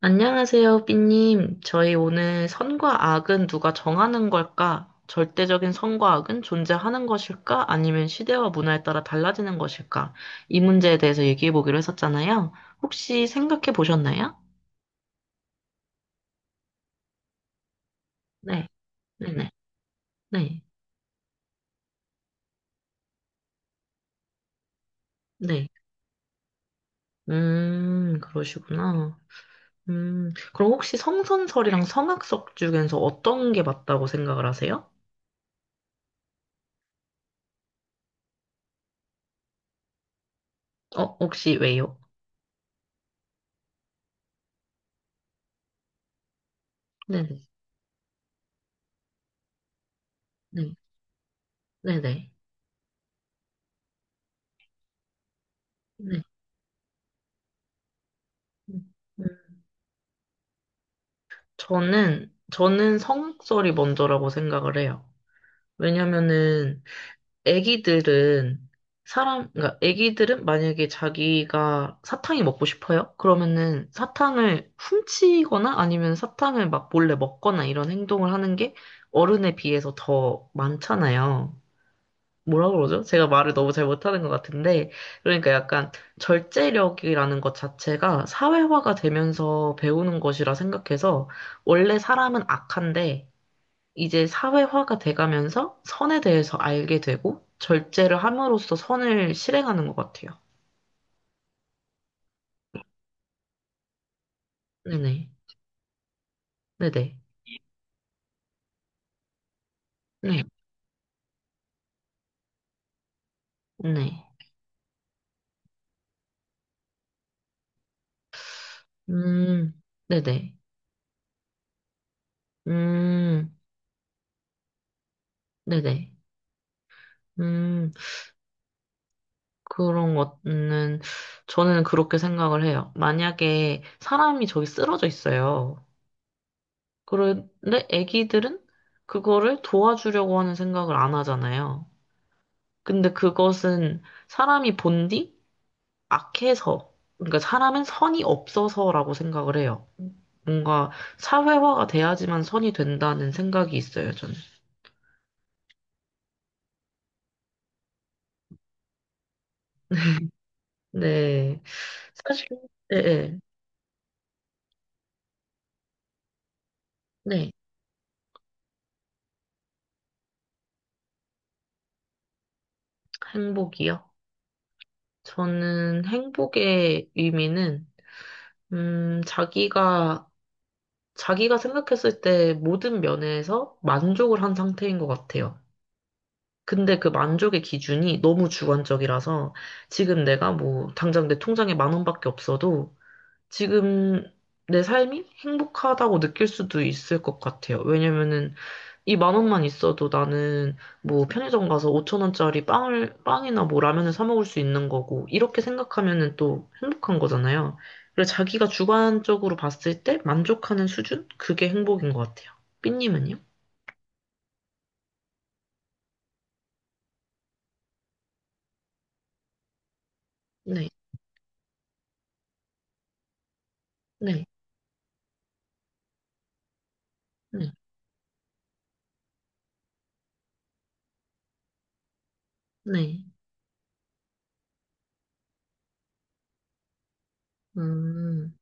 안녕하세요, 삐님. 저희 오늘 선과 악은 누가 정하는 걸까? 절대적인 선과 악은 존재하는 것일까? 아니면 시대와 문화에 따라 달라지는 것일까? 이 문제에 대해서 얘기해 보기로 했었잖아요. 혹시 생각해 보셨나요? 네, 네네, 네, 네. 네. 그러시구나. 그럼 혹시 성선설이랑 성악설 중에서 어떤 게 맞다고 생각을 하세요? 혹시 왜요? 네네, 네, 네네, 네. 네, 네. 음, 음. 저는 성악설이 먼저라고 생각을 해요. 왜냐면은, 애기들은, 그러니까 애기들은 만약에 자기가 사탕이 먹고 싶어요? 그러면은 사탕을 훔치거나 아니면 사탕을 막 몰래 먹거나 이런 행동을 하는 게 어른에 비해서 더 많잖아요. 뭐라 그러죠? 제가 말을 너무 잘 못하는 것 같은데, 그러니까 약간 절제력이라는 것 자체가 사회화가 되면서 배우는 것이라 생각해서, 원래 사람은 악한데, 이제 사회화가 돼가면서 선에 대해서 알게 되고, 절제를 함으로써 선을 실행하는 것 같아요. 네네. 네네. 네. 네. 음, 네네. 음, 네네. 음. 그런 거는 저는 그렇게 생각을 해요. 만약에 사람이 저기 쓰러져 있어요. 그런데 아기들은 그거를 도와주려고 하는 생각을 안 하잖아요. 근데 그것은 사람이 본디 악해서, 그러니까 사람은 선이 없어서라고 생각을 해요. 뭔가 사회화가 돼야지만 선이 된다는 생각이 있어요, 저는. 네. 사실, 네, 네. 네. 행복이요? 저는 행복의 의미는, 음, 자기가, 자기가 생각했을 때 모든 면에서 만족을 한 상태인 것 같아요. 근데 그 만족의 기준이 너무 주관적이라서 지금 내가 뭐, 당장 내 통장에 만 원밖에 없어도 지금 내 삶이 행복하다고 느낄 수도 있을 것 같아요. 왜냐면은 이 만 원만 있어도 나는 뭐 편의점 가서 5천 원짜리 빵이나 뭐 라면을 사 먹을 수 있는 거고, 이렇게 생각하면은 또 행복한 거잖아요. 그래서 자기가 주관적으로 봤을 때 만족하는 수준? 그게 행복인 것 같아요. 삐님은요? 네, 네, 네, 네. 음,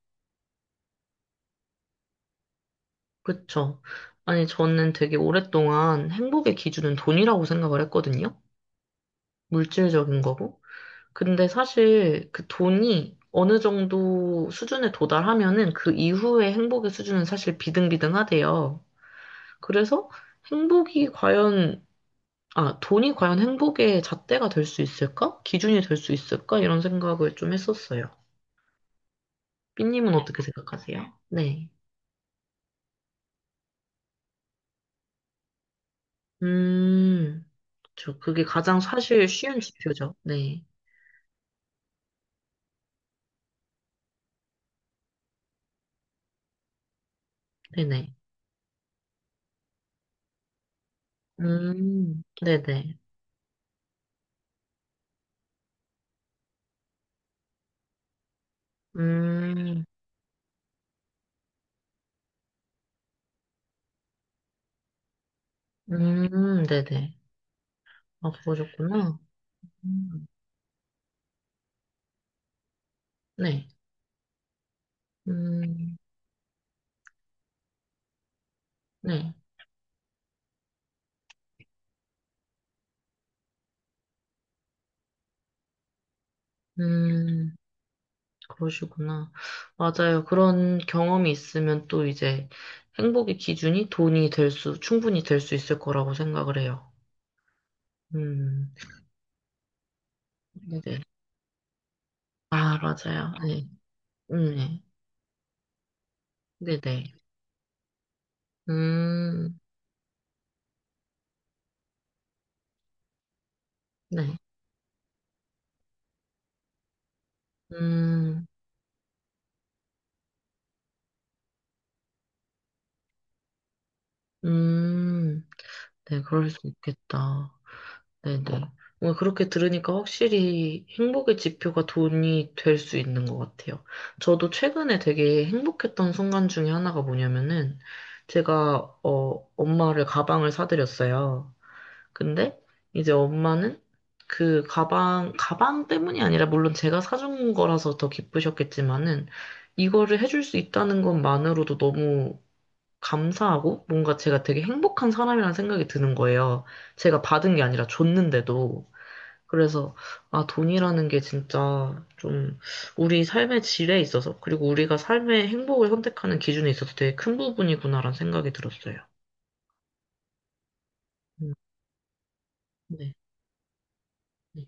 그쵸. 아니, 저는 되게 오랫동안 행복의 기준은 돈이라고 생각을 했거든요. 물질적인 거고. 근데 사실 그 돈이 어느 정도 수준에 도달하면은 그 이후의 행복의 수준은 사실 비등비등하대요. 그래서 행복이 과연, 돈이 과연 행복의 잣대가 될 수 있을까? 기준이 될 수 있을까? 이런 생각을 좀 했었어요. 삐님은 어떻게 생각하세요? 네. 음, 저 그게 가장 사실 쉬운 지표죠. 네. 네네. 네네. 음, 네네. 아, 그러셨구나. 음. 네. 음, 네. 음, 그러시구나. 맞아요. 그런 경험이 있으면 또 이제 행복의 기준이 돈이 될 충분히 될 수 있을 거라고 생각을 해요. 음, 네네. 아, 맞아요. 네. 네. 네네. 음, 네. 음, 음, 네. 그럴 수 있겠다. 네네. 오늘 그렇게 들으니까 확실히 행복의 지표가 돈이 될 수 있는 것 같아요. 저도 최근에 되게 행복했던 순간 중에 하나가 뭐냐면은 제가 엄마를 가방을 사드렸어요. 근데 이제 엄마는 그 가방 때문이 아니라 물론 제가 사준 거라서 더 기쁘셨겠지만은 이거를 해줄 수 있다는 것만으로도 너무 감사하고 뭔가 제가 되게 행복한 사람이라는 생각이 드는 거예요. 제가 받은 게 아니라 줬는데도. 그래서, 돈이라는 게 진짜 좀 우리 삶의 질에 있어서, 그리고 우리가 삶의 행복을 선택하는 기준에 있어서 되게 큰 부분이구나라는 생각이 들었어요. 음, 네, 네,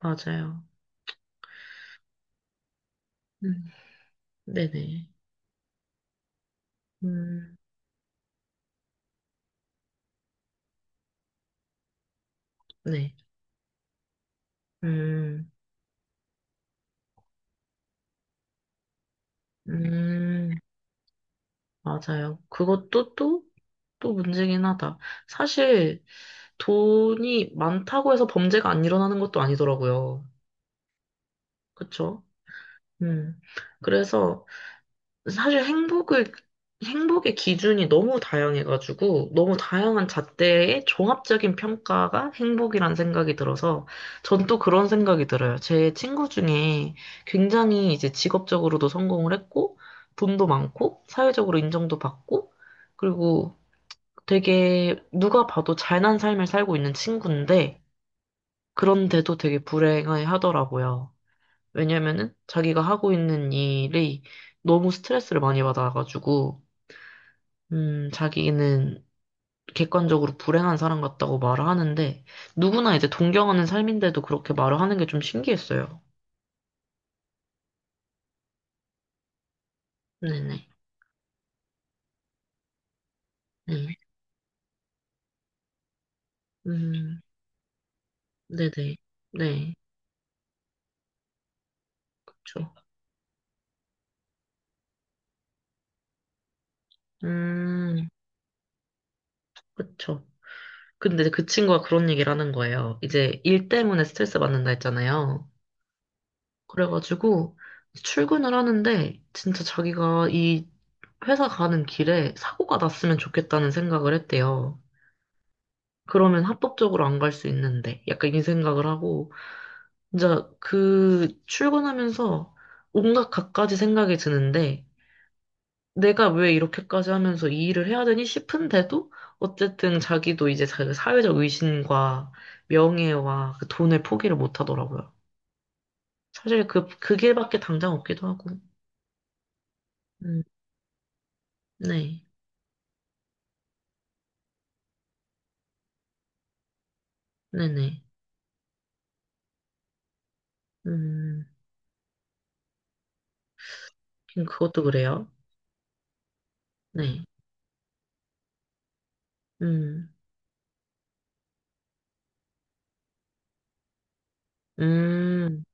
맞아요. 음, 네네. 음, 네. 음, 음, 맞아요. 그것도 또 문제긴 하다. 사실 돈이 많다고 해서 범죄가 안 일어나는 것도 아니더라고요. 그쵸? 음. 그래서 사실 행복의 기준이 너무 다양해가지고, 너무 다양한 잣대의 종합적인 평가가 행복이란 생각이 들어서, 전 또 그런 생각이 들어요. 제 친구 중에 굉장히 이제 직업적으로도 성공을 했고, 돈도 많고, 사회적으로 인정도 받고, 그리고 되게 누가 봐도 잘난 삶을 살고 있는 친구인데, 그런데도 되게 불행해 하더라고요. 왜냐면은 자기가 하고 있는 일이 너무 스트레스를 많이 받아가지고, 자기는 객관적으로 불행한 사람 같다고 말을 하는데, 누구나 이제 동경하는 삶인데도 그렇게 말을 하는 게 좀 신기했어요. 네네. 네. 음, 네네. 네. 그쵸. 음, 그쵸. 근데 그 친구가 그런 얘기를 하는 거예요. 이제 일 때문에 스트레스 받는다 했잖아요. 그래가지고 출근을 하는데, 진짜 자기가 이 회사 가는 길에 사고가 났으면 좋겠다는 생각을 했대요. 그러면 합법적으로 안 갈 수 있는데 약간 이 생각을 하고 진짜 그 출근하면서 온갖 갖가지 생각이 드는데 내가 왜 이렇게까지 하면서 이 일을 해야 되니 싶은데도 어쨌든 자기도 이제 사회적 의신과 명예와 그 돈을 포기를 못 하더라고요. 사실 그 길밖에 당장 없기도 하고. 음, 네, 네네. 음, 그것도 그래요. 네. 음, 음.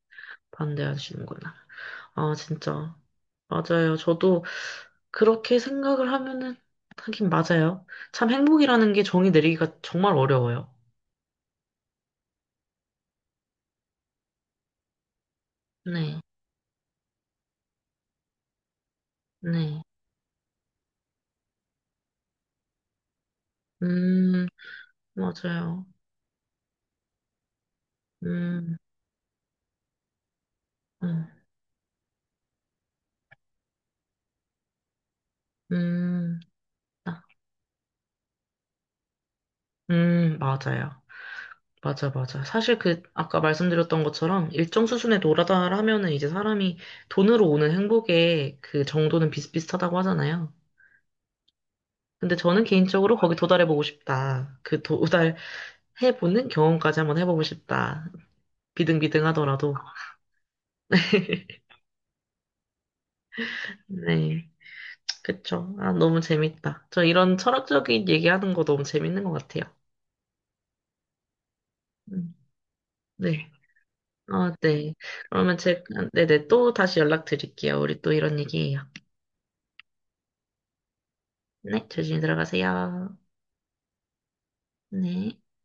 반대하시는구나. 아, 진짜. 맞아요. 저도 그렇게 생각을 하면은, 하긴 맞아요. 참 행복이라는 게 정의 내리기가 정말 어려워요. 네, 네. 음, 맞아요. 음, 음, 음, 아, 맞아요. 맞아, 맞아. 사실 그, 아까 말씀드렸던 것처럼 일정 수준에 도달하면은 이제 사람이 돈으로 오는 행복의 그 정도는 비슷비슷하다고 하잖아요. 근데 저는 개인적으로 거기 도달해보고 싶다. 그 해보는 경험까지 한번 해보고 싶다. 비등비등하더라도. 네, 그쵸. 아, 너무 재밌다. 저 이런 철학적인 얘기하는 거 너무 재밌는 것 같아요. 음, 네. 아, 네. 그러면 네네. 또 다시 연락드릴게요. 우리 또 이런 얘기예요. 네, 조심히 들어가세요. 네.